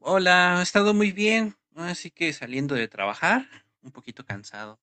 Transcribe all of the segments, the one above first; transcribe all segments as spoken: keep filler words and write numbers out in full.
Hola, he estado muy bien, así que saliendo de trabajar, un poquito cansado.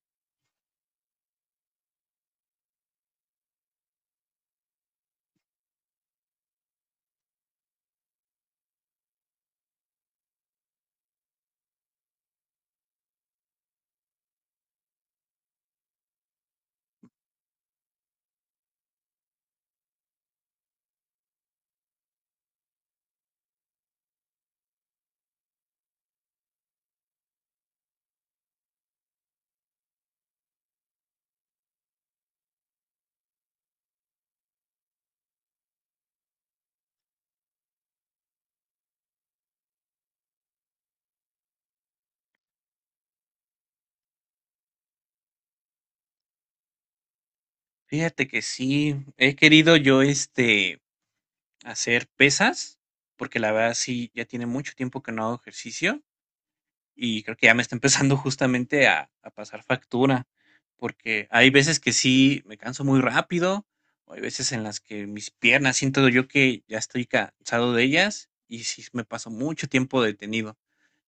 Fíjate que sí, he querido yo este hacer pesas, porque la verdad sí, ya tiene mucho tiempo que no hago ejercicio y creo que ya me está empezando justamente a, a pasar factura, porque hay veces que sí me canso muy rápido, o hay veces en las que mis piernas siento yo que ya estoy cansado de ellas y sí me paso mucho tiempo detenido.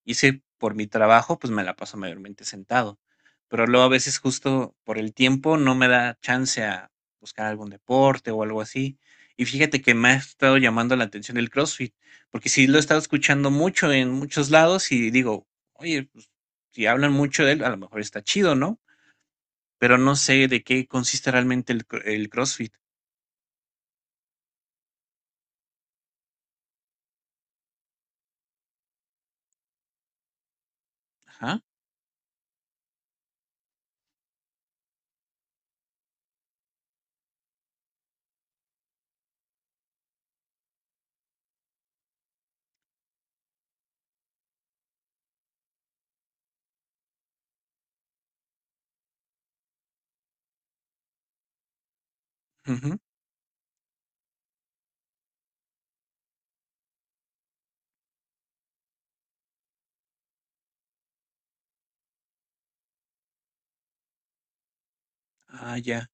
Y si por mi trabajo, pues me la paso mayormente sentado. Pero luego a veces justo por el tiempo no me da chance a buscar algún deporte o algo así. Y fíjate que me ha estado llamando la atención el CrossFit, porque sí lo he estado escuchando mucho en muchos lados y digo, oye, pues, si hablan mucho de él, a lo mejor está chido, ¿no? Pero no sé de qué consiste realmente el, cro- el CrossFit. Ajá. Ujú. Ah, ya.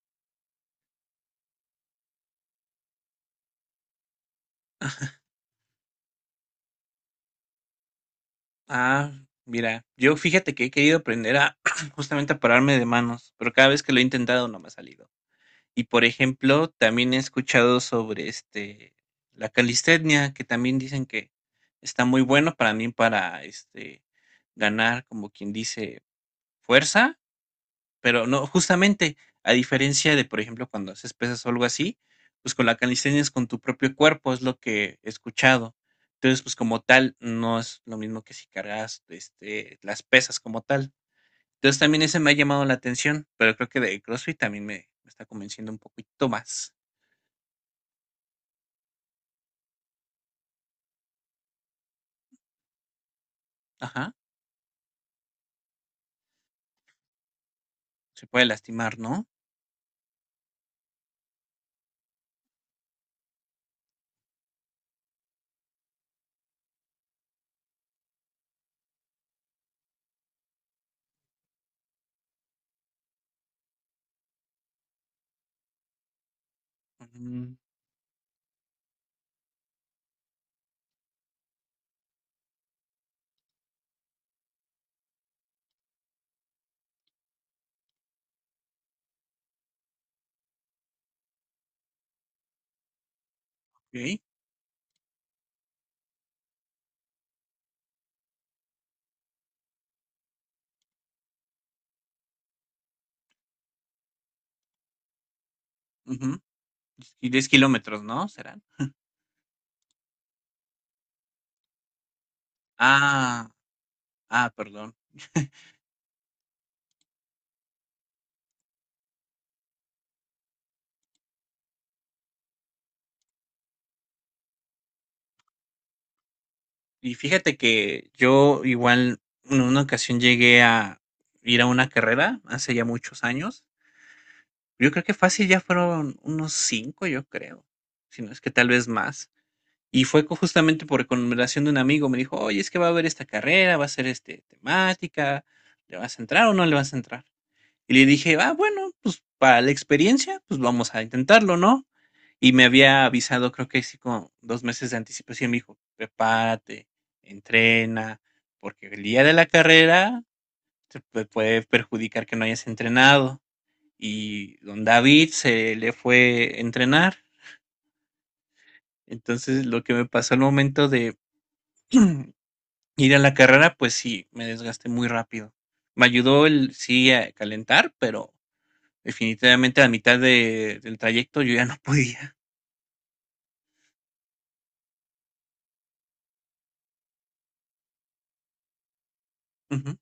Ah, mira, yo fíjate que he querido aprender a justamente a pararme de manos, pero cada vez que lo he intentado no me ha salido. Y por ejemplo, también he escuchado sobre este la calistenia, que también dicen que está muy bueno para mí para este ganar, como quien dice, fuerza. Pero no, justamente, a diferencia de, por ejemplo, cuando haces pesas o algo así, pues con la calistenia es con tu propio cuerpo, es lo que he escuchado. Entonces, pues como tal, no es lo mismo que si cargas, este, las pesas como tal. Entonces, también ese me ha llamado la atención, pero creo que de CrossFit también me, me está convenciendo un poquito más. Ajá, se puede lastimar, ¿no? Mm, ok, ujú. ¿Y diez kilómetros, no? ¿Serán? Ah, ah, perdón. Y fíjate que yo igual en una ocasión llegué a ir a una carrera hace ya muchos años. Yo creo que fácil ya fueron unos cinco, yo creo. Si no es que tal vez más. Y fue co- justamente por recomendación de un amigo. Me dijo, oye, es que va a haber esta carrera, va a ser este temática. ¿Le vas a entrar o no le vas a entrar? Y le dije, ah, bueno, pues para la experiencia, pues vamos a intentarlo, ¿no? Y me había avisado, creo que sí, con dos meses de anticipación, me dijo, prepárate, entrena, porque el día de la carrera te pu- puede perjudicar que no hayas entrenado. Y don David se le fue a entrenar. Entonces, lo que me pasó al momento de ir a la carrera, pues sí, me desgasté muy rápido. Me ayudó el sí a calentar, pero definitivamente, a mitad de del trayecto yo ya no podía. Ujú.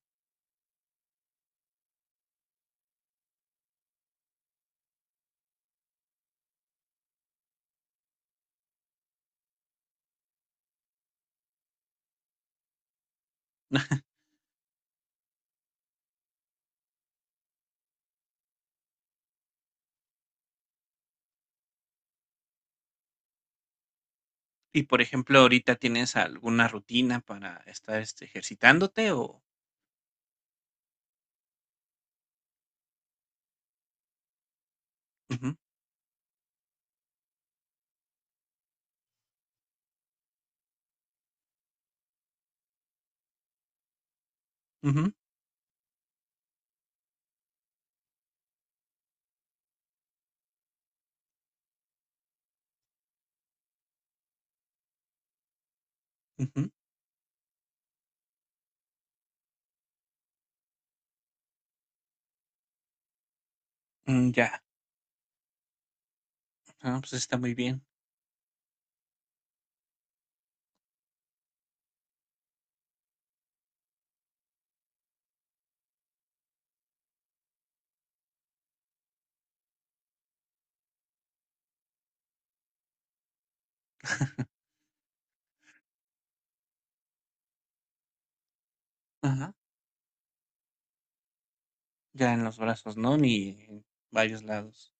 Y, por ejemplo, ahorita, ¿tienes alguna rutina para estar, este, ejercitándote o? Ujú, ujú, ujú, mm, ya. Ah, pues está muy bien. Ajá. Ya en los brazos, ¿no? Ni en varios lados.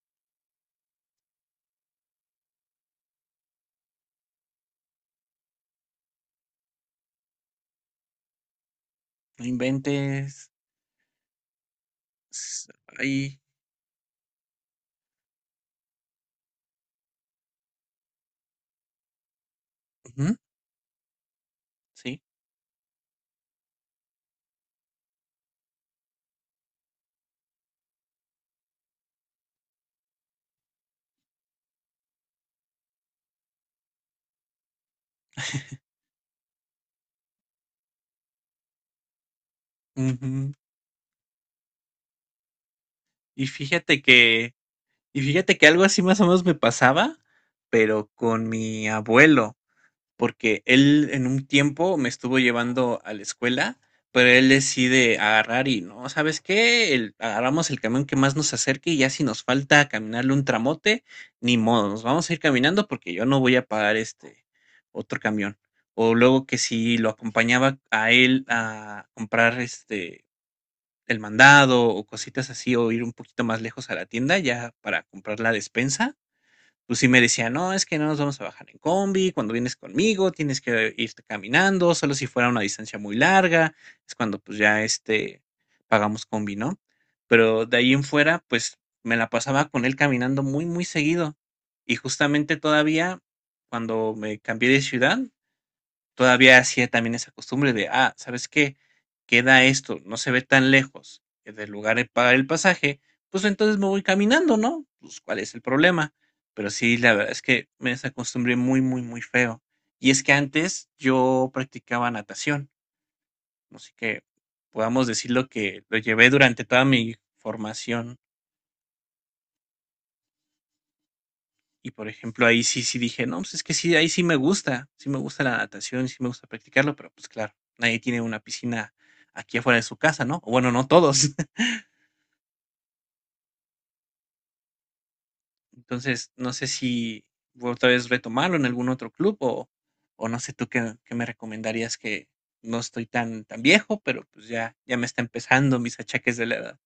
No inventes. S ay. Ujú, sí. Ujú. Y fíjate que y fíjate que algo así más o menos me pasaba, pero con mi abuelo. Porque él en un tiempo me estuvo llevando a la escuela, pero él decide agarrar y no, ¿sabes qué? El- agarramos el camión que más nos acerque y ya si nos falta caminarle un tramote, ni modo, nos vamos a ir caminando porque yo no voy a pagar este otro camión. O luego que si lo acompañaba a él a comprar este el mandado o cositas así o ir un poquito más lejos a la tienda ya para comprar la despensa, pues sí me decía: "No, es que no nos vamos a bajar en combi, cuando vienes conmigo tienes que irte caminando, solo si fuera una distancia muy larga, es cuando, pues, ya, este, pagamos combi", ¿no? Pero de ahí en fuera, pues, me la pasaba con él caminando muy, muy seguido. Y justamente todavía cuando me cambié de ciudad todavía hacía también esa costumbre de, ah, ¿sabes qué? Queda esto, no se ve tan lejos eh, del lugar de pagar el pasaje, pues entonces me voy caminando, ¿no? Pues cuál es el problema. Pero sí, la verdad es que me desacostumbré muy, muy, muy feo. Y es que antes yo practicaba natación, así que podamos decirlo que lo llevé durante toda mi formación. Y por ejemplo, ahí sí, sí dije, no, pues es que sí, ahí sí me gusta, sí me gusta la natación, sí me gusta practicarlo, pero pues claro, nadie tiene una piscina aquí afuera de su casa, ¿no? O bueno, no todos. Entonces, no sé si voy otra vez retomarlo en algún otro club o, o no sé tú qué, qué me recomendarías, que no estoy tan, tan viejo, pero pues ya, ya me está empezando mis achaques de la edad.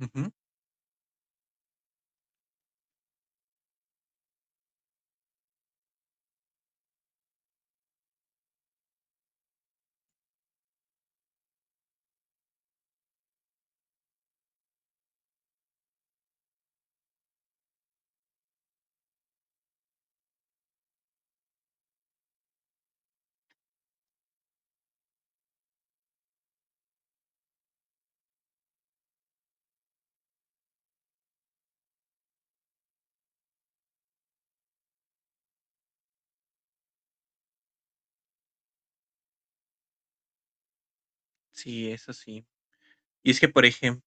Ujú. Sí, eso sí. Y es que, por ejemplo,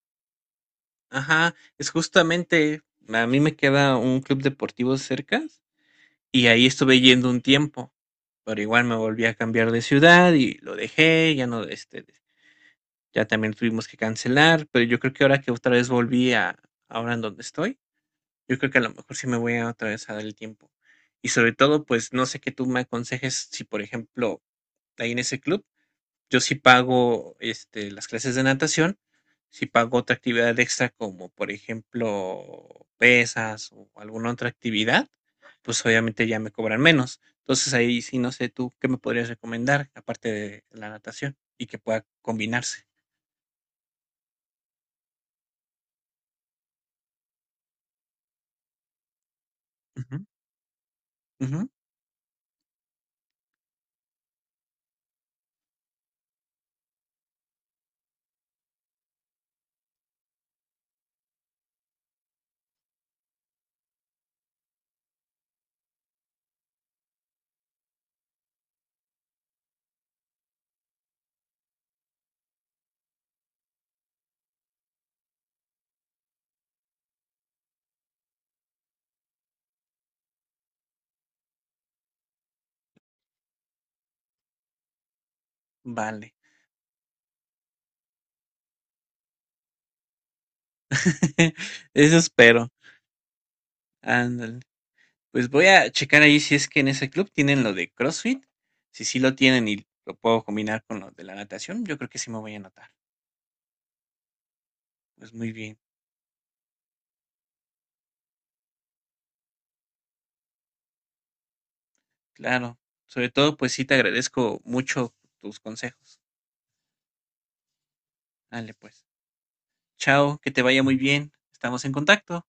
ajá, es justamente, a mí me queda un club deportivo cerca. Y ahí estuve yendo un tiempo, pero igual me volví a cambiar de ciudad y lo dejé, ya no, este, ya también tuvimos que cancelar, pero yo creo que ahora que otra vez volví a, ahora en donde estoy, yo creo que a lo mejor sí me voy a otra vez a dar el tiempo. Y sobre todo, pues no sé qué tú me aconsejes si, por ejemplo, ahí en ese club yo sí pago, este, las clases de natación, sí pago otra actividad extra como, por ejemplo, pesas o alguna otra actividad, pues obviamente ya me cobran menos. Entonces ahí sí no sé tú qué me podrías recomendar aparte de la natación y que pueda combinarse. Ujú, ujú, vale, eso espero. Ándale. Pues voy a checar ahí si es que en ese club tienen lo de CrossFit. Si sí lo tienen y lo puedo combinar con lo de la natación, yo creo que sí me voy a anotar. Pues muy bien. Claro, sobre todo, pues sí te agradezco mucho tus consejos. Dale, pues. Chao, que te vaya muy bien. Estamos en contacto.